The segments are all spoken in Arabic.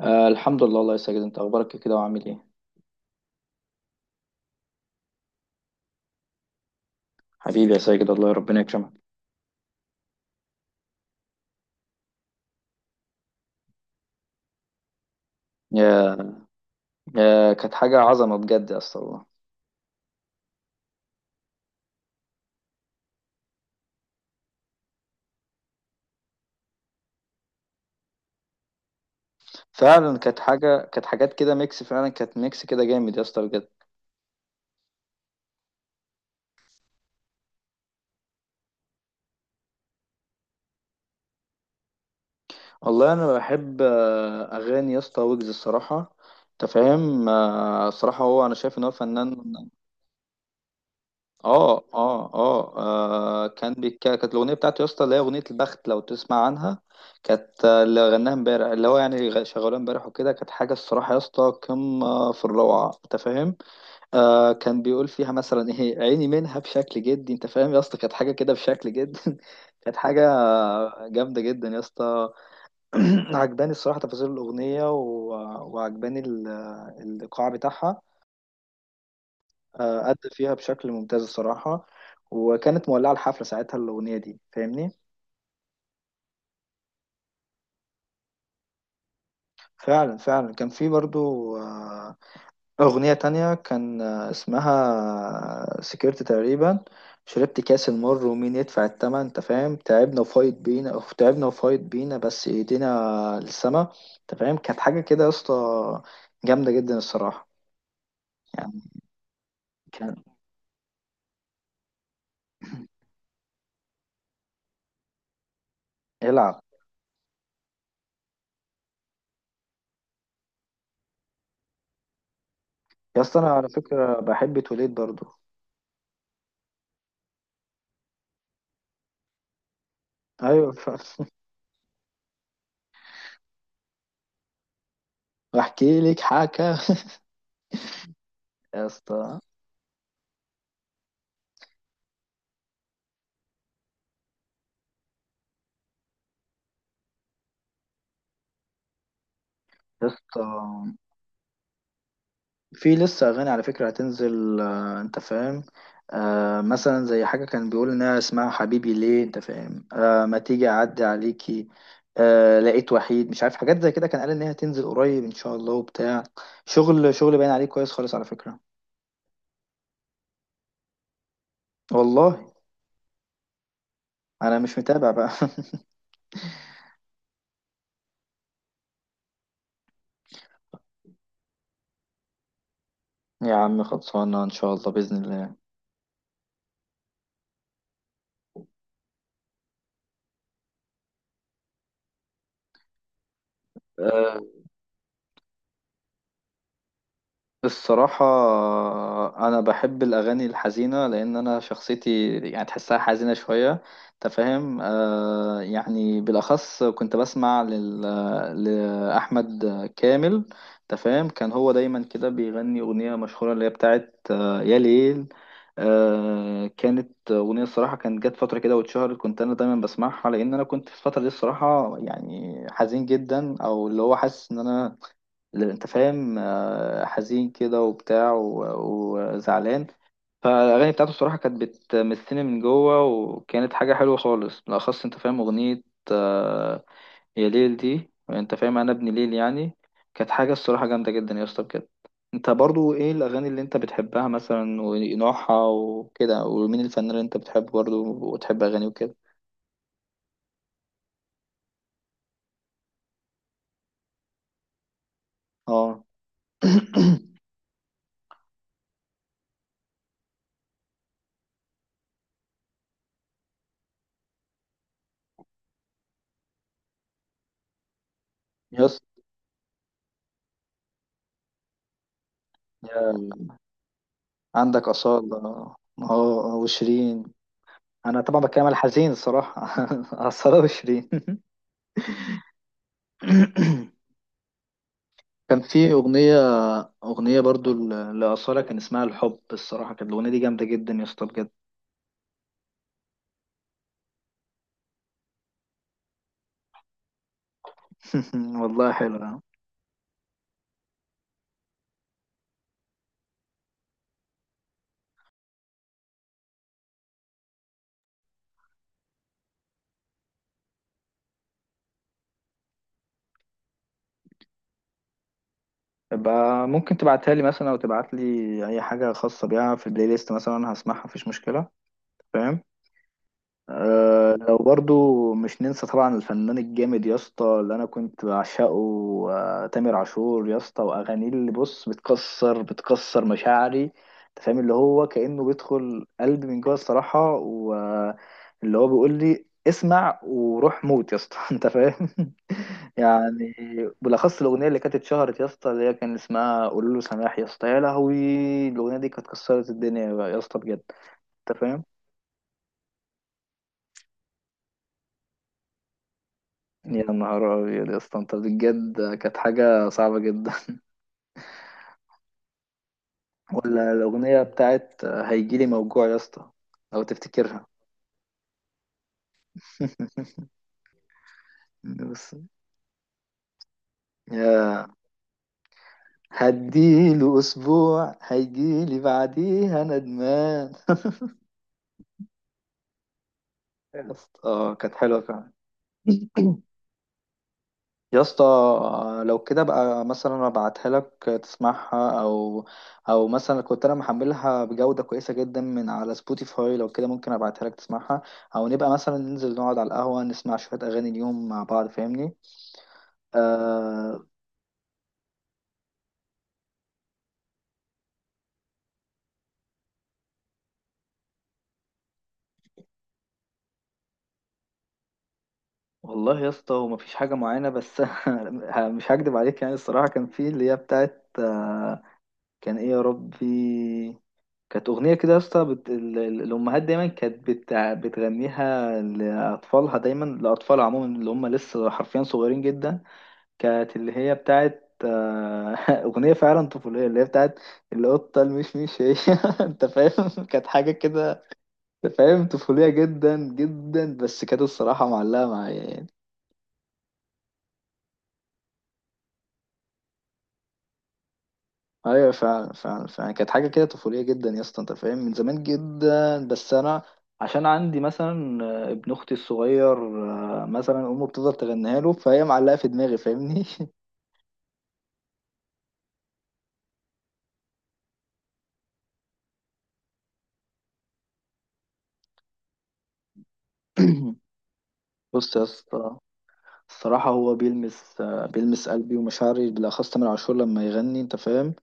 آه، الحمد لله والله يا ساجد، انت اخبارك إيه كده وعامل ايه؟ حبيبي يا ساجد، الله ربنا يكرمك. يا يا كانت حاجه عظمه بجد يا اسطى والله. فعلا كانت حاجات كده ميكس، فعلا كانت ميكس كده جامد يا اسطى بجد. والله انا بحب اغاني يا اسطى ويجز الصراحه. انت فاهم، الصراحه هو انا شايف ان هو فنان. كانت الاغنيه بتاعته يا اسطى، اللي هي اغنيه البخت، لو تسمع عنها. كانت، اللي غناها امبارح، اللي هو يعني شغالها امبارح وكده، كانت حاجه الصراحه يا اسطى قمه في الروعه، انت فاهم. آه كان بيقول فيها مثلا ايه عيني منها بشكل جدي، انت فاهم يا اسطى، كانت حاجه كده بشكل جدي. كانت حاجه جامده جدا يا اسطى. عجباني الصراحه تفاصيل الاغنيه، وعجباني الايقاع بتاعها. أدى فيها بشكل ممتاز الصراحة، وكانت مولعة الحفلة ساعتها الأغنية دي، فاهمني. فعلا فعلا، كان في برضو أغنية تانية، كان اسمها سكرت تقريبا. شربت كاس المر ومين يدفع التمن، انت فاهم. تعبنا وفايت بينا، أو تعبنا وفايت بينا بس ايدينا للسما، انت فاهم. كانت حاجة كده يا اسطى، جامدة جدا الصراحة يعني. كان يلعب. يا اسطى انا على فكرة بحب توليد برضو. ايوه واحكي لك يا اسطى، يا اسطى في لسه اغاني على فكره هتنزل، انت فاهم. مثلا زي حاجه كان بيقول انها اسمها حبيبي ليه، انت فاهم، ما تيجي اعدي عليكي، لقيت وحيد، مش عارف، حاجات زي كده، كان قال ان هي هتنزل قريب ان شاء الله وبتاع. شغل شغل باين عليه كويس خالص على فكره. والله انا مش متابع بقى. يا عم خلصانه ان شاء الله باذن الله. الصراحة أنا بحب الأغاني الحزينة، لأن أنا شخصيتي يعني تحسها حزينة شوية، أنت فاهم، يعني بالأخص كنت بسمع لأحمد كامل. أنت فاهم، كان هو دايما كده بيغني أغنية مشهورة، اللي هي بتاعت آه يا ليل. آه كانت أغنية الصراحة، كانت جت فترة كده واتشهرت، كنت أنا دايما بسمعها، لأن أنا كنت في الفترة دي الصراحة يعني حزين جدا، أو اللي هو حاسس إن أنا اللي انت فاهم، حزين كده وبتاع وزعلان. فالاغاني بتاعته الصراحه كانت بتمسني من جوه، وكانت حاجه حلوه خالص، بالاخص انت فاهم اغنيه آه، يا ليل دي، انت فاهم انا ابن ليل يعني. كانت حاجه الصراحه جامده جدا يا اسطى بجد. انت برضو ايه الاغاني اللي انت بتحبها مثلا، ونوعها وكده، ومين الفنان اللي انت بتحبه برضو وتحب اغانيه وكده؟ اه. يس، يا- عندك اصاله. اه وشيرين. انا طبعا بتكلم على الحزين الصراحه. على الصلاه وشيرين. كان في اغنيه برضو لاصاله كان اسمها الحب، الصراحه كانت الاغنيه دي جامده جدا يا اسطى بجد. والله حلوه. يبقى ممكن تبعتها لي مثلا، او تبعت لي اي حاجه خاصه بيها في البلاي ليست مثلا، انا هسمعها مفيش مشكله، فاهم؟ أه، لو برضو مش ننسى طبعا الفنان الجامد يا اسطى اللي انا كنت بعشقه، أه تامر عاشور يا اسطى، واغانيه اللي بص بتكسر مشاعري، انت فاهم، اللي هو كانه بيدخل قلبي من جوه الصراحه، واللي هو بيقول لي اسمع وروح موت يا اسطى، انت فاهم يعني. بالاخص الاغنيه اللي كانت اتشهرت يا اسطى، اللي هي كان اسمها قولوا له سماح يا اسطى، يا لهوي. الاغنيه دي كانت كسرت الدنيا يا اسطى بجد، انت فاهم يا نهار أبيض يا اسطى، أنت بجد كانت حاجة صعبة جدا. ولا الأغنية بتاعت هيجيلي موجوع يا اسطى، لو تفتكرها. بص، يا هديله أسبوع هيجيلي بعديها ندمان. يا اسطى كانت حلوة فعلا. يا اسطى لو كده بقى مثلا ابعتها لك تسمعها، او، مثلا كنت انا محملها بجودة كويسة جدا من على سبوتيفاي، لو كده ممكن ابعتها لك تسمعها، او نبقى مثلا ننزل نقعد على القهوة نسمع شوية اغاني اليوم مع بعض، فاهمني؟ آه. والله يا اسطى هو مفيش حاجة معينة، بس مش هكدب عليك يعني الصراحة، كان في اللي هي بتاعت كان ايه يا ربي، كانت أغنية كده يا اسطى، الأمهات دايما كانت بتغنيها لأطفالها، دايما لأطفال عموما اللي هم لسه حرفيا صغيرين جدا. كانت اللي هي بتاعت أغنية فعلا طفولية، اللي هي بتاعت القطة المشمش هي، أنت فاهم كانت حاجة كده، فاهم، طفولية جدا جدا، بس كانت الصراحة معلقة معايا يعني. ايوه، فعلا فعلا فعلا كانت حاجه كده طفوليه جدا يا اسطى، انت فاهم، من زمان جدا بس انا عشان عندي مثلا ابن اختي الصغير، مثلا امه بتفضل تغنيها له، فهي معلقه في دماغي فاهمني. بص يا اسطى، الصراحة هو بيلمس، بيلمس قلبي ومشاعري، بالأخص تامر عاشور لما يغني، أنت فاهم،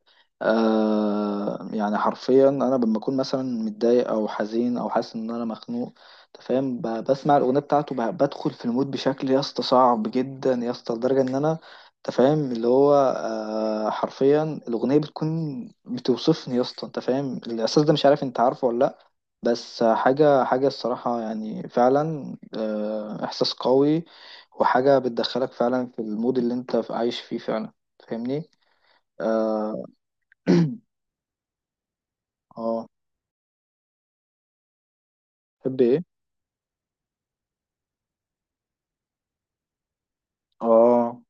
يعني حرفيا أنا لما أكون مثلا متضايق أو حزين أو حاسس إن أنا مخنوق، أنت فاهم، بسمع الأغنية بتاعته، بدخل في المود بشكل يا اسطى صعب جدا يا اسطى، لدرجة إن أنا أنت فاهم، اللي هو حرفيا الأغنية بتكون بتوصفني يا اسطى. أنت فاهم الإحساس ده، مش عارف أنت عارفه ولا لأ، بس حاجة حاجة الصراحة يعني فعلا إحساس قوي، وحاجة بتدخلك فعلا في المود اللي انت عايش فيه فعلا، فاهمني؟ اه. اه تحب ايه؟ اه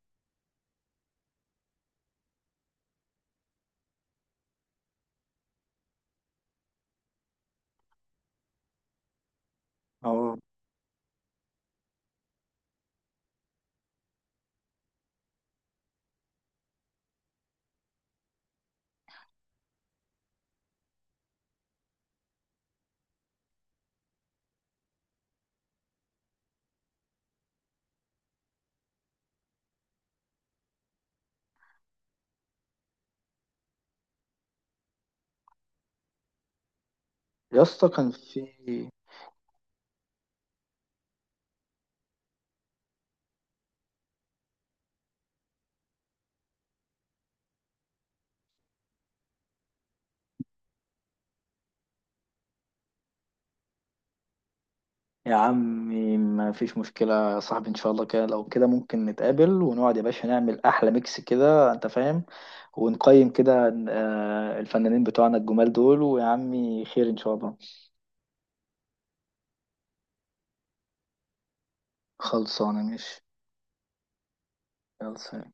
اه يا اسطى كان في. يا عمي ما فيش مشكلة يا صاحبي، ان شاء الله كده، لو كده ممكن نتقابل ونقعد يا باشا، نعمل احلى ميكس كده، انت فاهم، ونقيم كده الفنانين بتوعنا الجمال دول، ويا عمي خير ان شاء الله. خلصانة ماشي. يلا سلام.